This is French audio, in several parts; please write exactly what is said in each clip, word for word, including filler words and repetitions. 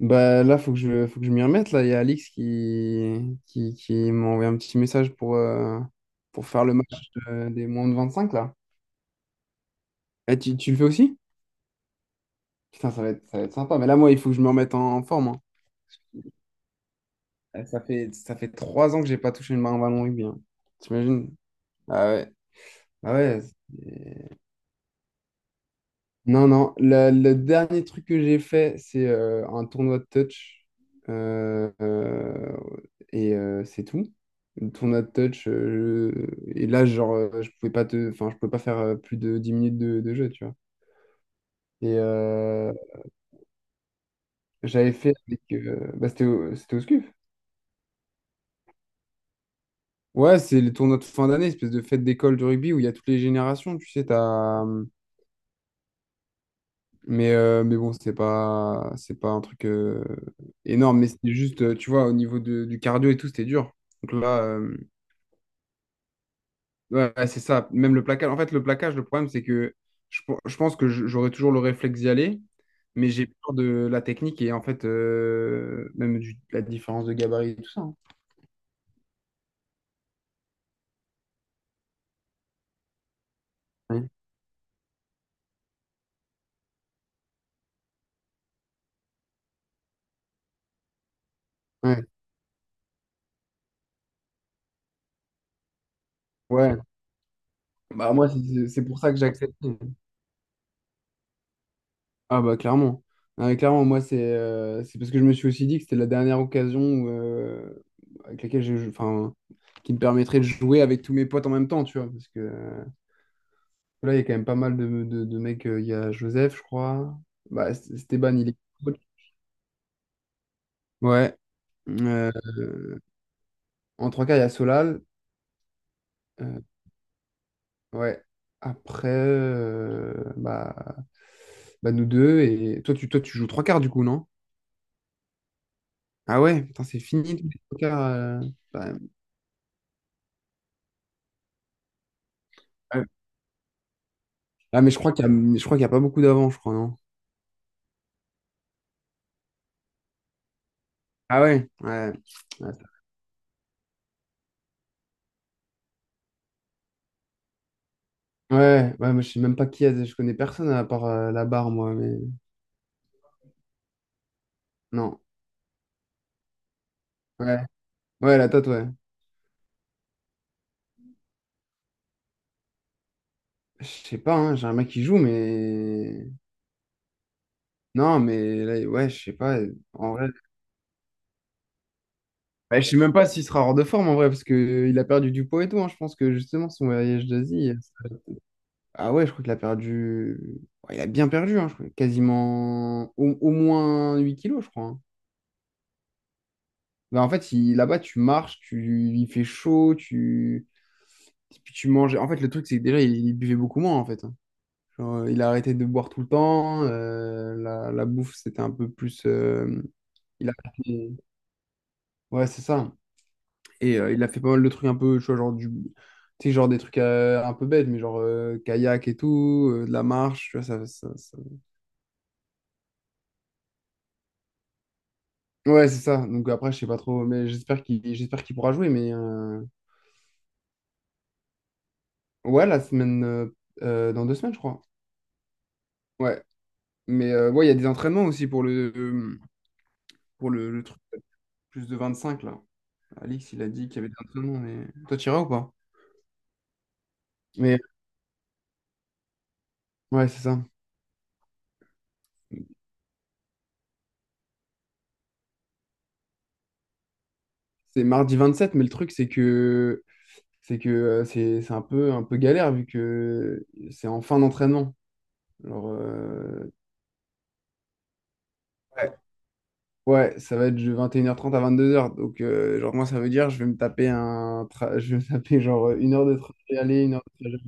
Bah là, faut que je, faut que je m'y remette. Là, il y a Alix qui, qui, qui m'a envoyé un petit message pour, euh, pour faire le match euh, des moins de vingt cinq là. Eh, tu, tu le fais aussi? Putain, ça va être, ça va être sympa. Mais là, moi, il faut que je me remette en, en forme, hein. Eh, ça fait, ça fait trois ans que j'ai pas touché une main en ballon rugby, hein. T'imagines? Ah ouais. Ah ouais. c'est- Non, non, le, le dernier truc que j'ai fait, c'est euh, un tournoi de touch. Euh, euh, et euh, c'est tout. Le tournoi de touch. euh, je- Et là, genre, euh, je pouvais pas te... enfin, je pouvais pas faire euh, plus de dix minutes de, de jeu, tu vois. Et euh, j'avais fait avec. Euh, bah, c'était au, c'était au SCUF. Ouais, c'est les tournois de fin d'année, espèce de fête d'école du rugby où il y a toutes les générations. Tu sais, t'as. hum, Mais, euh, mais bon, c'est pas, c'est pas un truc euh, énorme, mais c'était juste, euh, tu vois, au niveau de- du cardio et tout, c'était dur. Donc là, euh, ouais, ouais, c'est ça. Même le plaquage. En fait, le plaquage, le problème, c'est que je, pe- je pense que je- j'aurais toujours le réflexe d'y aller, mais j'ai peur de la technique et en fait, euh, même du- la différence de gabarit et tout ça, hein. Ouais. Ouais. Ouais. Bah, moi, c'est c'est- c'est pour ça que j'accepte. Ah bah clairement. Ah, mais clairement, moi c'est euh, c'est parce que je me suis aussi dit que c'était la dernière occasion où, euh, avec laquelle je, je- enfin, qui me permettrait de jouer avec tous mes potes en même temps, tu vois. Parce que euh, là, il y a quand même pas mal de, de, de mecs. euh, Il y a Joseph, je crois. Bah, C- Stéban, il est coach. Ouais. Euh, En trois quarts, il y a Solal. Euh, ouais. Après, euh, bah, bah, nous deux. Et toi, tu, toi, tu joues trois quarts du coup, non? Ah ouais, putain, c'est fini les trois quarts. euh. Bah, ah, mais je crois qu'il y a, je crois qu'il y a pas beaucoup d'avant, je crois, non? Ah ouais, ouais. Ouais, ouais, ouais, moi je sais même pas qui est, je connais personne à part euh, la barre, moi, mais non. Ouais, ouais, la tête, ouais. Je sais pas, hein, j'ai un mec qui joue, mais. Non, mais là, ouais, je sais pas, en vrai. Bah, je sais même pas s'il sera hors de forme, en vrai, parce que euh, il a perdu du poids et tout, hein. Je pense que justement, son voyage d'Asie. euh, ça- Ah ouais, je crois qu'il a perdu. Ouais, il a bien perdu, hein, je crois, quasiment au, au moins huit kilos, je crois, hein. Ben, en fait, il- là-bas, tu marches, tu, il fait chaud, tu, puis tu manges. En fait, le truc, c'est que déjà, il, il buvait beaucoup moins, en fait, hein. Genre, euh, il a arrêté de boire tout le temps. Euh, la, la bouffe, c'était un peu plus. euh, il a arrêté- Ouais, c'est ça. Et euh, il a fait pas mal de trucs un peu, tu vois, genre du. Tu sais, genre des trucs euh, un peu bêtes, mais genre euh, kayak et tout, euh, de la marche, tu vois, ça, ça- ça- ouais, c'est ça. Donc après, je sais pas trop, mais j'espère qu'il j'espère qu'il pourra jouer. Mais euh, ouais, la semaine. euh, euh, dans deux semaines, je crois. Ouais. Mais euh, ouais, il y a des entraînements aussi pour le, pour le, le truc plus de vingt cinq là. Alix, il a dit qu'il y avait des entraînements, mais toi, tu iras ou pas? Mais ouais, c'est ça. C'est mardi vingt sept, mais le truc, c'est que c'est que euh, c'est c'est un peu, un peu galère vu que c'est en fin d'entraînement. Genre, euh, ouais, ouais, ça va être de vingt et une heures trente à vingt deux heures. Donc, euh, genre, moi, ça veut dire je vais me taper un tra- je vais me taper genre une heure de trajet aller, une heure de trajet.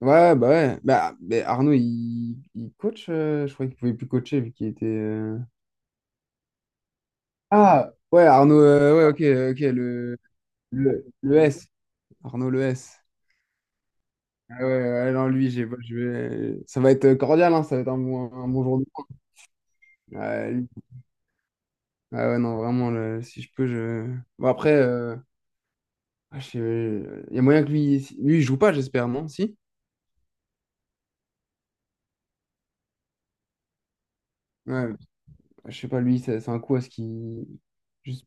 Ouais, bah ouais. Bah, mais Arnaud, il, il coach, euh, je croyais qu'il pouvait plus coacher vu qu'il était. euh, Ah, ouais, Arnaud, euh, ouais, ok, ok, le, le, le S. Arnaud, le S. Ah ouais, ouais, non, lui, j'ai, pas- je vais, ça va être euh, cordial, hein, ça va être un bon, un bon jour de cours. Ouais, lui- ah ouais, non, vraiment, le- si je peux, je. Bon, après, euh, ah, je sais- il y a moyen que lui, si, lui, il joue pas, j'espère, non? Si? Ouais, je sais pas, lui, c'est c'est un coup à ce qu'il. juste-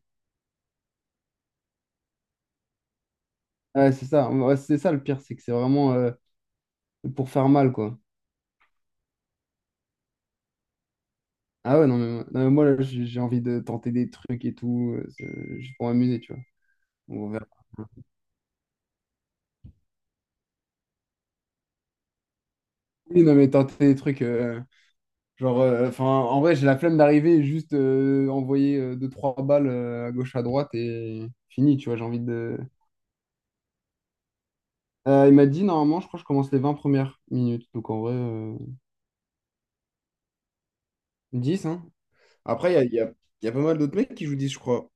Ouais, c'est ça. Ouais, c'est ça le pire, c'est que c'est vraiment euh, pour faire mal, quoi. Ah ouais, non, mais, moi- non, mais moi, là, j'ai j'ai envie de tenter des trucs et tout, euh, c'est- juste pour m'amuser, tu vois. On verra. Oui, non, mais tenter des trucs, euh, genre, euh, enfin, en vrai, j'ai la flemme d'arriver et juste euh, envoyer euh, deux, trois balles euh, à gauche, à droite et fini, tu vois, j'ai envie de... Euh, il m'a dit, normalement, je crois que je commence les vingt premières minutes, donc en vrai, euh, dix, hein. Après, il y a, il y a- il y a pas mal d'autres mecs qui jouent dix, je crois.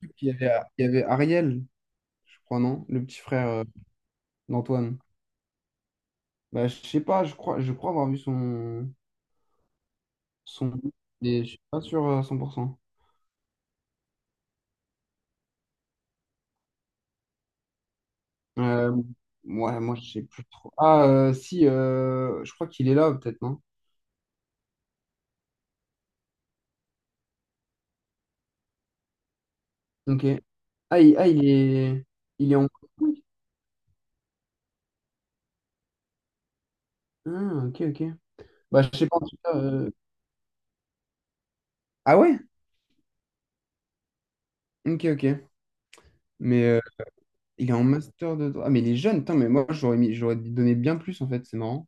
Il y avait, il y avait Ariel, je crois, non? Le petit frère euh, d'Antoine. Bah, je sais pas, je crois, je crois avoir vu son... Son... mais je suis pas sûr à cent pour cent. Euh, ouais, moi, je sais plus trop. Ah, euh, si, euh, je crois qu'il est là, peut-être, non? Ok. Ah, il, ah, il est... Il est en... Ah, ok, ok. Bah, je sais pas, en tout cas... euh, ah ouais? Ok, ok. Mais euh, il est en master de droit. Ah, mais il est jeune, putain, mais moi, j'aurais mis... j'aurais donné bien plus, en fait, c'est marrant.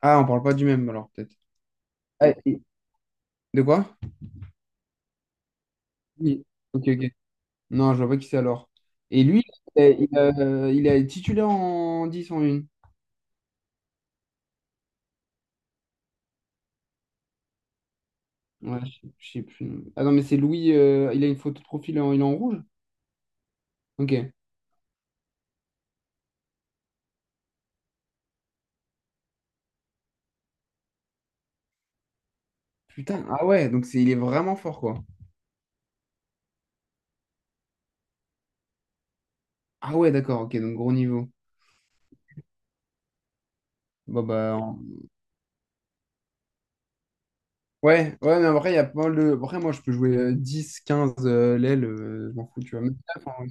Ah, on parle pas du même, alors, peut-être. Ah, et- de quoi? Oui. Ok, ok. Non, je vois pas qui c'est alors. Et lui, il est, il a- il est titulaire en dix en un. Ouais, je sais je sais plus. Ah non, mais c'est Louis, euh, il a une photo de profil, en- il est en rouge? Ok. Putain, ah ouais, donc c'est, il est vraiment fort, quoi. Ah ouais, d'accord, ok, donc gros niveau. Bah, bah, en- ouais, ouais, mais après, il y a pas mal de... Après, moi, je peux jouer euh, dix, quinze euh, l'aile, euh, je m'en fous, tu vois. Même neuf, en vrai.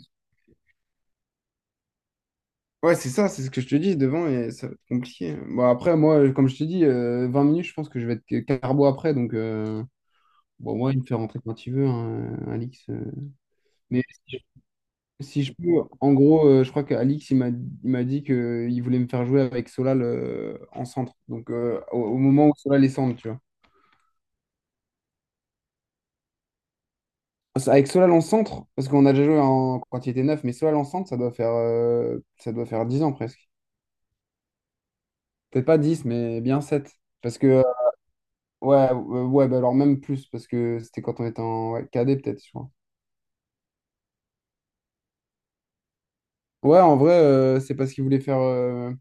Ouais, c'est ça, c'est ce que je te dis, devant, et ça va être compliqué. Bon, après, moi, euh, comme je te dis, euh, vingt minutes, je pense que je vais être que carbo après, donc... euh, bon, moi, il me fait rentrer quand il veut, hein, Alix. euh. Mais si je peux, en gros, euh, je crois qu'Alix, il m'a il m'a dit qu'il voulait me faire jouer avec Solal euh, en centre. Donc, euh, au, au moment où Solal est centre, tu vois. Parce- Avec Solal en centre, parce qu'on a déjà joué en, quand il était neuf, mais Solal en centre, ça doit faire, euh, ça doit faire dix ans presque. Peut-être pas dix, mais bien sept. Parce que, euh, ouais, euh, ouais bah alors même plus, parce que c'était quand on était en ouais, cadet, peut-être, je crois. Ouais, en vrai, euh, c'est parce qu'il voulait faire. euh,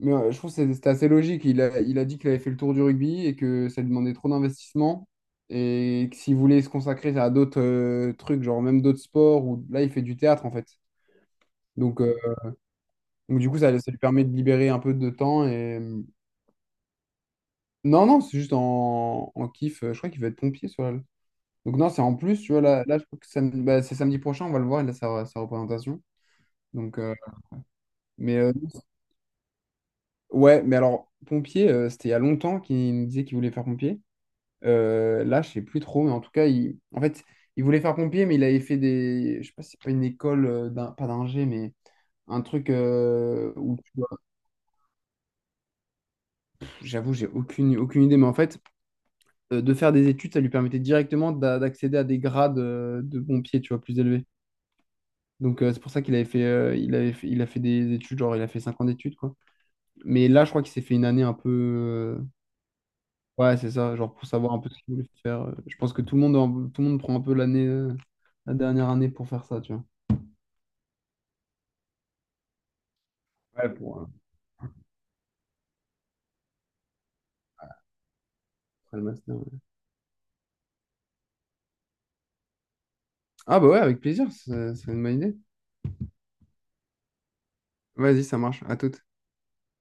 Mais euh, je trouve que c'est- c'était assez logique. Il a, il a dit qu'il avait fait le tour du rugby et que ça lui demandait trop d'investissement et que s'il voulait se consacrer à d'autres euh, trucs, genre même d'autres sports, ou là il fait du théâtre en fait. Donc, euh, donc du coup, ça, ça lui permet de libérer un peu de temps. Et... euh, non, non, c'est juste en, en kiff. Euh, Je crois qu'il va être pompier sur la... Donc non, c'est en plus, tu vois, là, là je crois que samedi- bah, c'est samedi prochain, on va le voir, il a sa, sa représentation. Donc, euh, mais euh, ouais, mais alors, pompier, euh, c'était il y a longtemps qu'il nous disait qu'il voulait faire pompier. Euh, là, je sais plus trop, mais en tout cas, il... en fait, il voulait faire pompier, mais il avait fait des. Je sais pas si c'est pas une école, euh, d'in- pas d'ingé, mais un truc euh, où tu dois- pff, j'avoue, j'ai aucune, aucune idée, mais en fait, euh, de faire des études, ça lui permettait directement d'a- d'accéder à des grades euh, de pompier, tu vois, plus élevés. Donc, euh, c'est pour ça qu'il avait fait, euh, il avait fait, il a fait des études, genre, il a fait cinq ans d'études, quoi. Mais là, je crois qu'il s'est fait une année un peu. euh, Ouais, c'est ça, genre pour savoir un peu ce qu'il voulait faire. euh, Je pense que tout le monde, en- tout le monde prend un peu l'année, euh, la dernière année pour faire ça, tu vois. Ouais, pour, euh, après le master. Ouais. Ah bah ouais, avec plaisir, c'est c'est une bonne idée. Vas-y, ça marche, à toute.